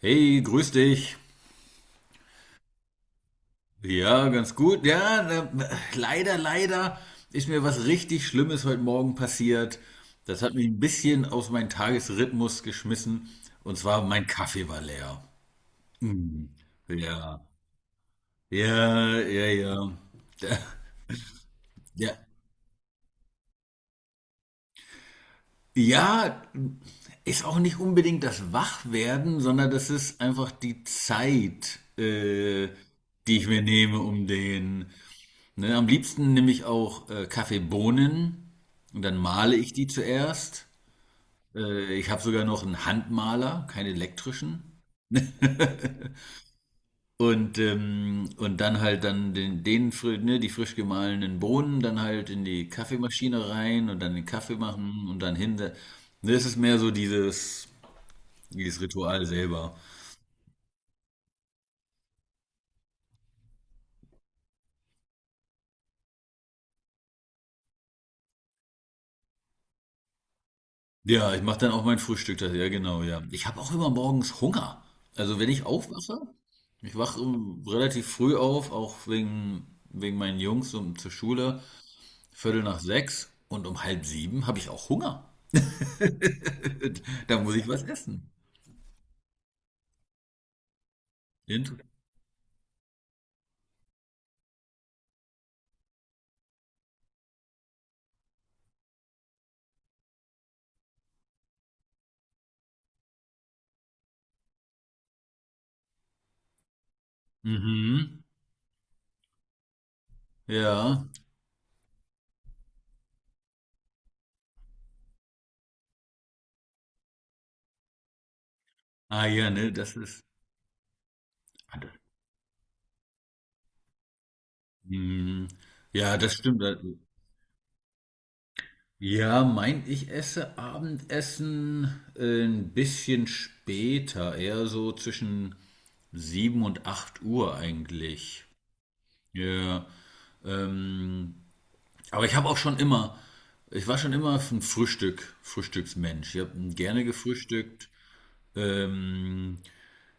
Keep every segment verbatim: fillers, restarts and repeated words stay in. Hey, grüß dich. Ja, ganz gut. Ja, äh, leider, leider ist mir was richtig Schlimmes heute Morgen passiert. Das hat mich ein bisschen aus meinem Tagesrhythmus geschmissen. Und zwar mein Kaffee war leer. Mm. Ja, ja, ja, ja. Ja, ja, ist auch nicht unbedingt das Wachwerden, sondern das ist einfach die Zeit, äh, die ich mir nehme, um den. Ne, am liebsten nehme ich auch äh, Kaffeebohnen und dann male ich die zuerst. Äh, ich habe sogar noch einen Handmaler, keinen elektrischen. Und, ähm, und dann halt dann den, den, fri- ne, die frisch gemahlenen Bohnen dann halt in die Kaffeemaschine rein und dann den Kaffee machen und dann hinter. Ne, es ist mehr so dieses. Dieses Ritual selber. Ja, ich mache dann auch mein Frühstück. Das, ja, genau, ja. Ich habe auch immer morgens Hunger. Also wenn ich aufwache, ich wache ähm, relativ früh auf, auch wegen, wegen meinen Jungs um, zur Schule, Viertel nach sechs und um halb sieben habe ich auch Hunger. Da muss ich was essen. Int- Mhm. Ja. Ah ja, ne, das ist. Ah, das- Mhm. Ja, das stimmt. Ja, mein, ich esse Abendessen äh, ein bisschen später, eher so zwischen sieben und acht Uhr eigentlich. Ja, ähm, aber ich habe auch schon immer, ich war schon immer ein Frühstück, Frühstücksmensch. Ich habe gerne gefrühstückt. Ähm,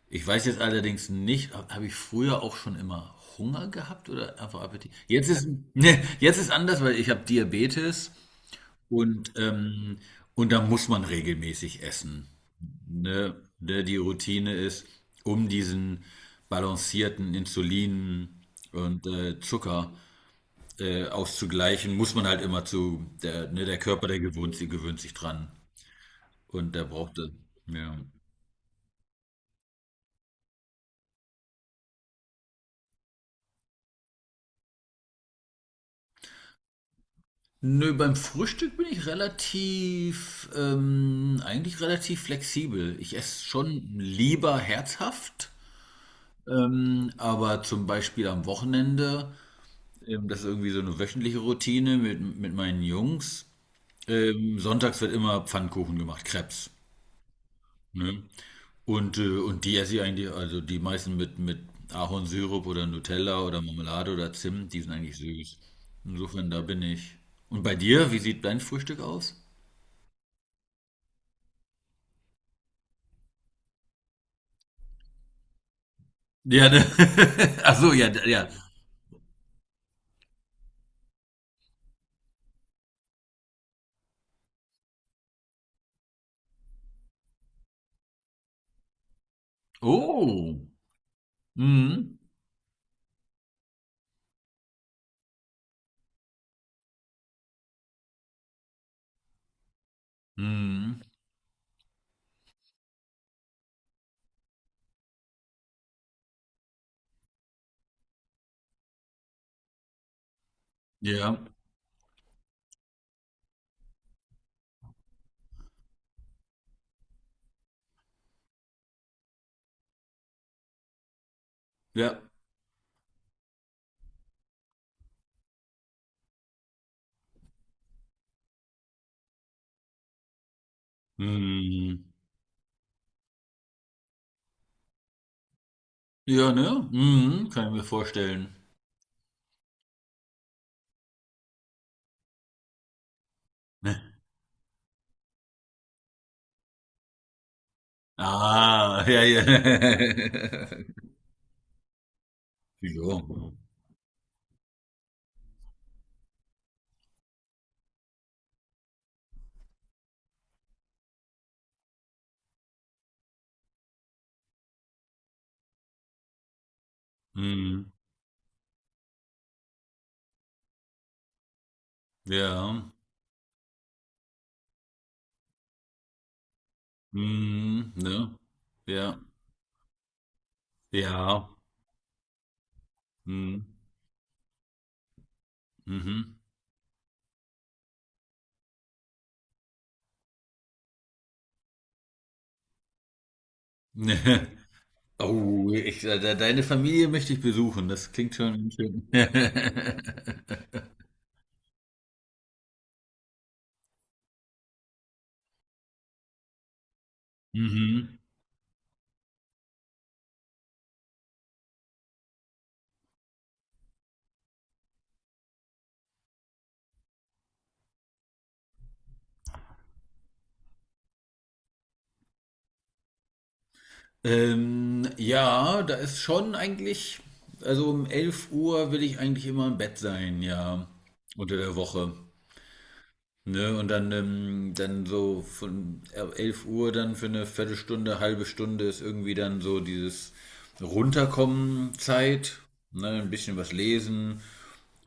ich weiß jetzt allerdings nicht, habe hab hab ich früher auch schon immer Hunger gehabt oder einfach Appetit? Jetzt ist, ne, jetzt ist anders, weil ich habe Diabetes. Und, ähm, und da muss man regelmäßig essen. Ne? Ne, die Routine ist, um diesen balancierten Insulin und äh, Zucker äh, auszugleichen, muss man halt immer zu, der, ne, der Körper, der gewöhnt, sie gewöhnt sich dran. Und der braucht das. Ja. Nö, beim Frühstück bin ich relativ, ähm, eigentlich relativ flexibel. Ich esse schon lieber herzhaft, ähm, aber zum Beispiel am Wochenende Ähm, das ist irgendwie so eine wöchentliche Routine mit, mit meinen Jungs. Ähm, sonntags wird immer Pfannkuchen gemacht, Crepes. Ne? Und, äh, und die esse ich eigentlich, also die meisten mit, mit Ahornsirup oder Nutella oder Marmelade oder Zimt, die sind eigentlich süß. Insofern, da bin ich. Und bei dir, wie sieht dein Frühstück aus? Ja, ne? Ach so, ja, ja. Oh. Mhm. Mhm. Ja, ja. Mhm. Ja, ne? Mhm. Kann ich mir vorstellen. Ah, ja, ja. Jo. Mhm. Ja. Mhm, ne? Ja. Ja. Mhm. Mhm. Oh, ich, de de deine Familie möchte ich besuchen. Das klingt schon schön. Mhm. Ähm, ja, da ist schon eigentlich also um elf Uhr will ich eigentlich immer im Bett sein, ja, unter der Woche. Ne, und dann, ähm, dann so von äh, elf Uhr dann für eine Viertelstunde, halbe Stunde ist irgendwie dann so dieses Runterkommen Zeit. Ne, ein bisschen was lesen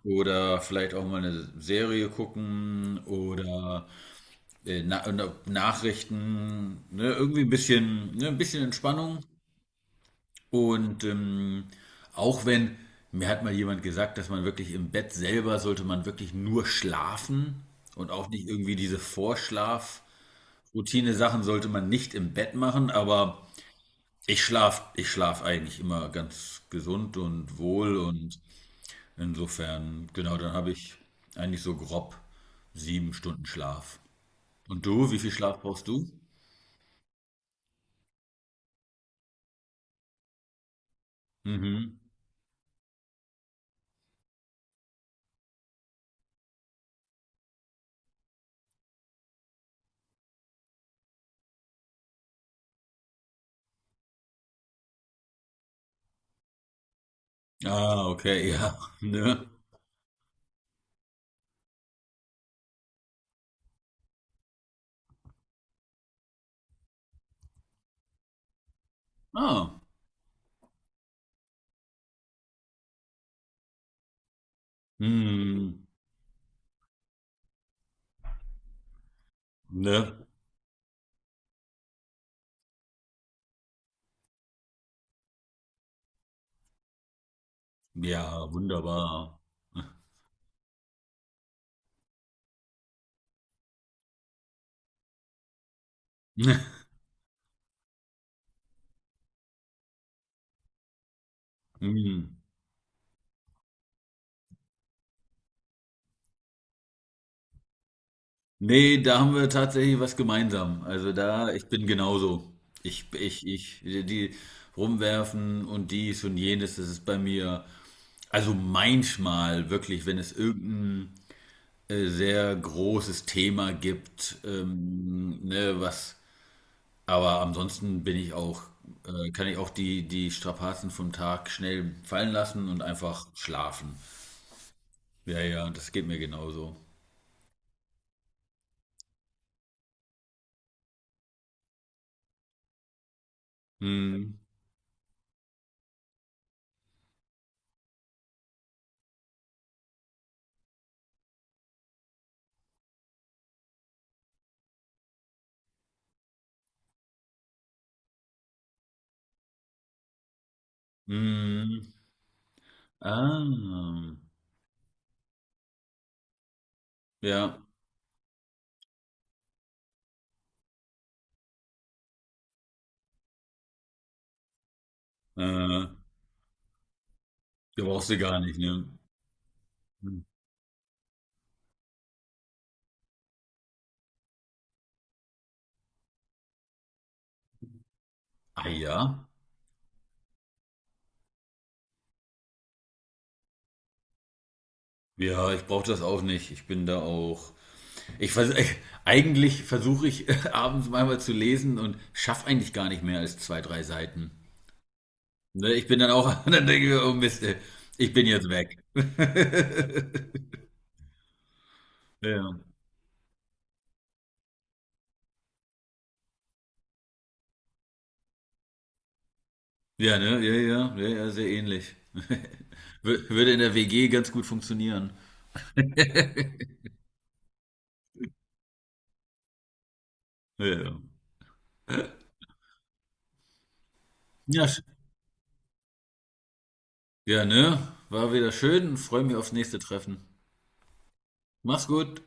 oder vielleicht auch mal eine Serie gucken oder äh, na na- Nachrichten. Ne, irgendwie ein bisschen, ne, ein bisschen Entspannung. Und ähm, auch wenn, mir hat mal jemand gesagt, dass man wirklich im Bett selber sollte man wirklich nur schlafen und auch nicht irgendwie diese Vorschlaf. Routine-Sachen sollte man nicht im Bett machen, aber ich schlafe ich schlaf eigentlich immer ganz gesund und wohl und insofern, genau, dann habe ich eigentlich so grob sieben Stunden Schlaf. Und du, wie viel Schlaf brauchst du? Mhm. Ah, okay, ja, ne? Ah, hm, ne? Ja, wunderbar. Hm. Nee, da haben wir tatsächlich was gemeinsam. Also da, ich bin genauso. Ich, ich, ich, die rumwerfen und dies und jenes, das ist bei mir, also manchmal wirklich, wenn es irgendein äh, sehr großes Thema gibt, ähm, ne, was, aber ansonsten bin ich auch, äh, kann ich auch die, die Strapazen vom Tag schnell fallen lassen und einfach schlafen. Ja, ja, das geht mir genauso. Hm, hm, ah. Ja, äh, ja, brauchst du gar nicht, ne? Hm. Ah ja? Ja, ich brauche das auch nicht. Ich bin da auch. Ich vers eigentlich versuche ich abends manchmal zu lesen und schaffe eigentlich gar nicht mehr als zwei, drei Seiten. Ne? Ich bin dann auch, dann denke ich mir, oh Mist, äh, ich bin jetzt weg. Ja. Ja, ne? Ja, ja, ja, ja, sehr ähnlich. Wür- Würde in der We Ge ganz gut funktionieren. Ja, ja, ja, sch- ja, ne? War wieder schön und freue mich aufs nächste Treffen. Mach's gut.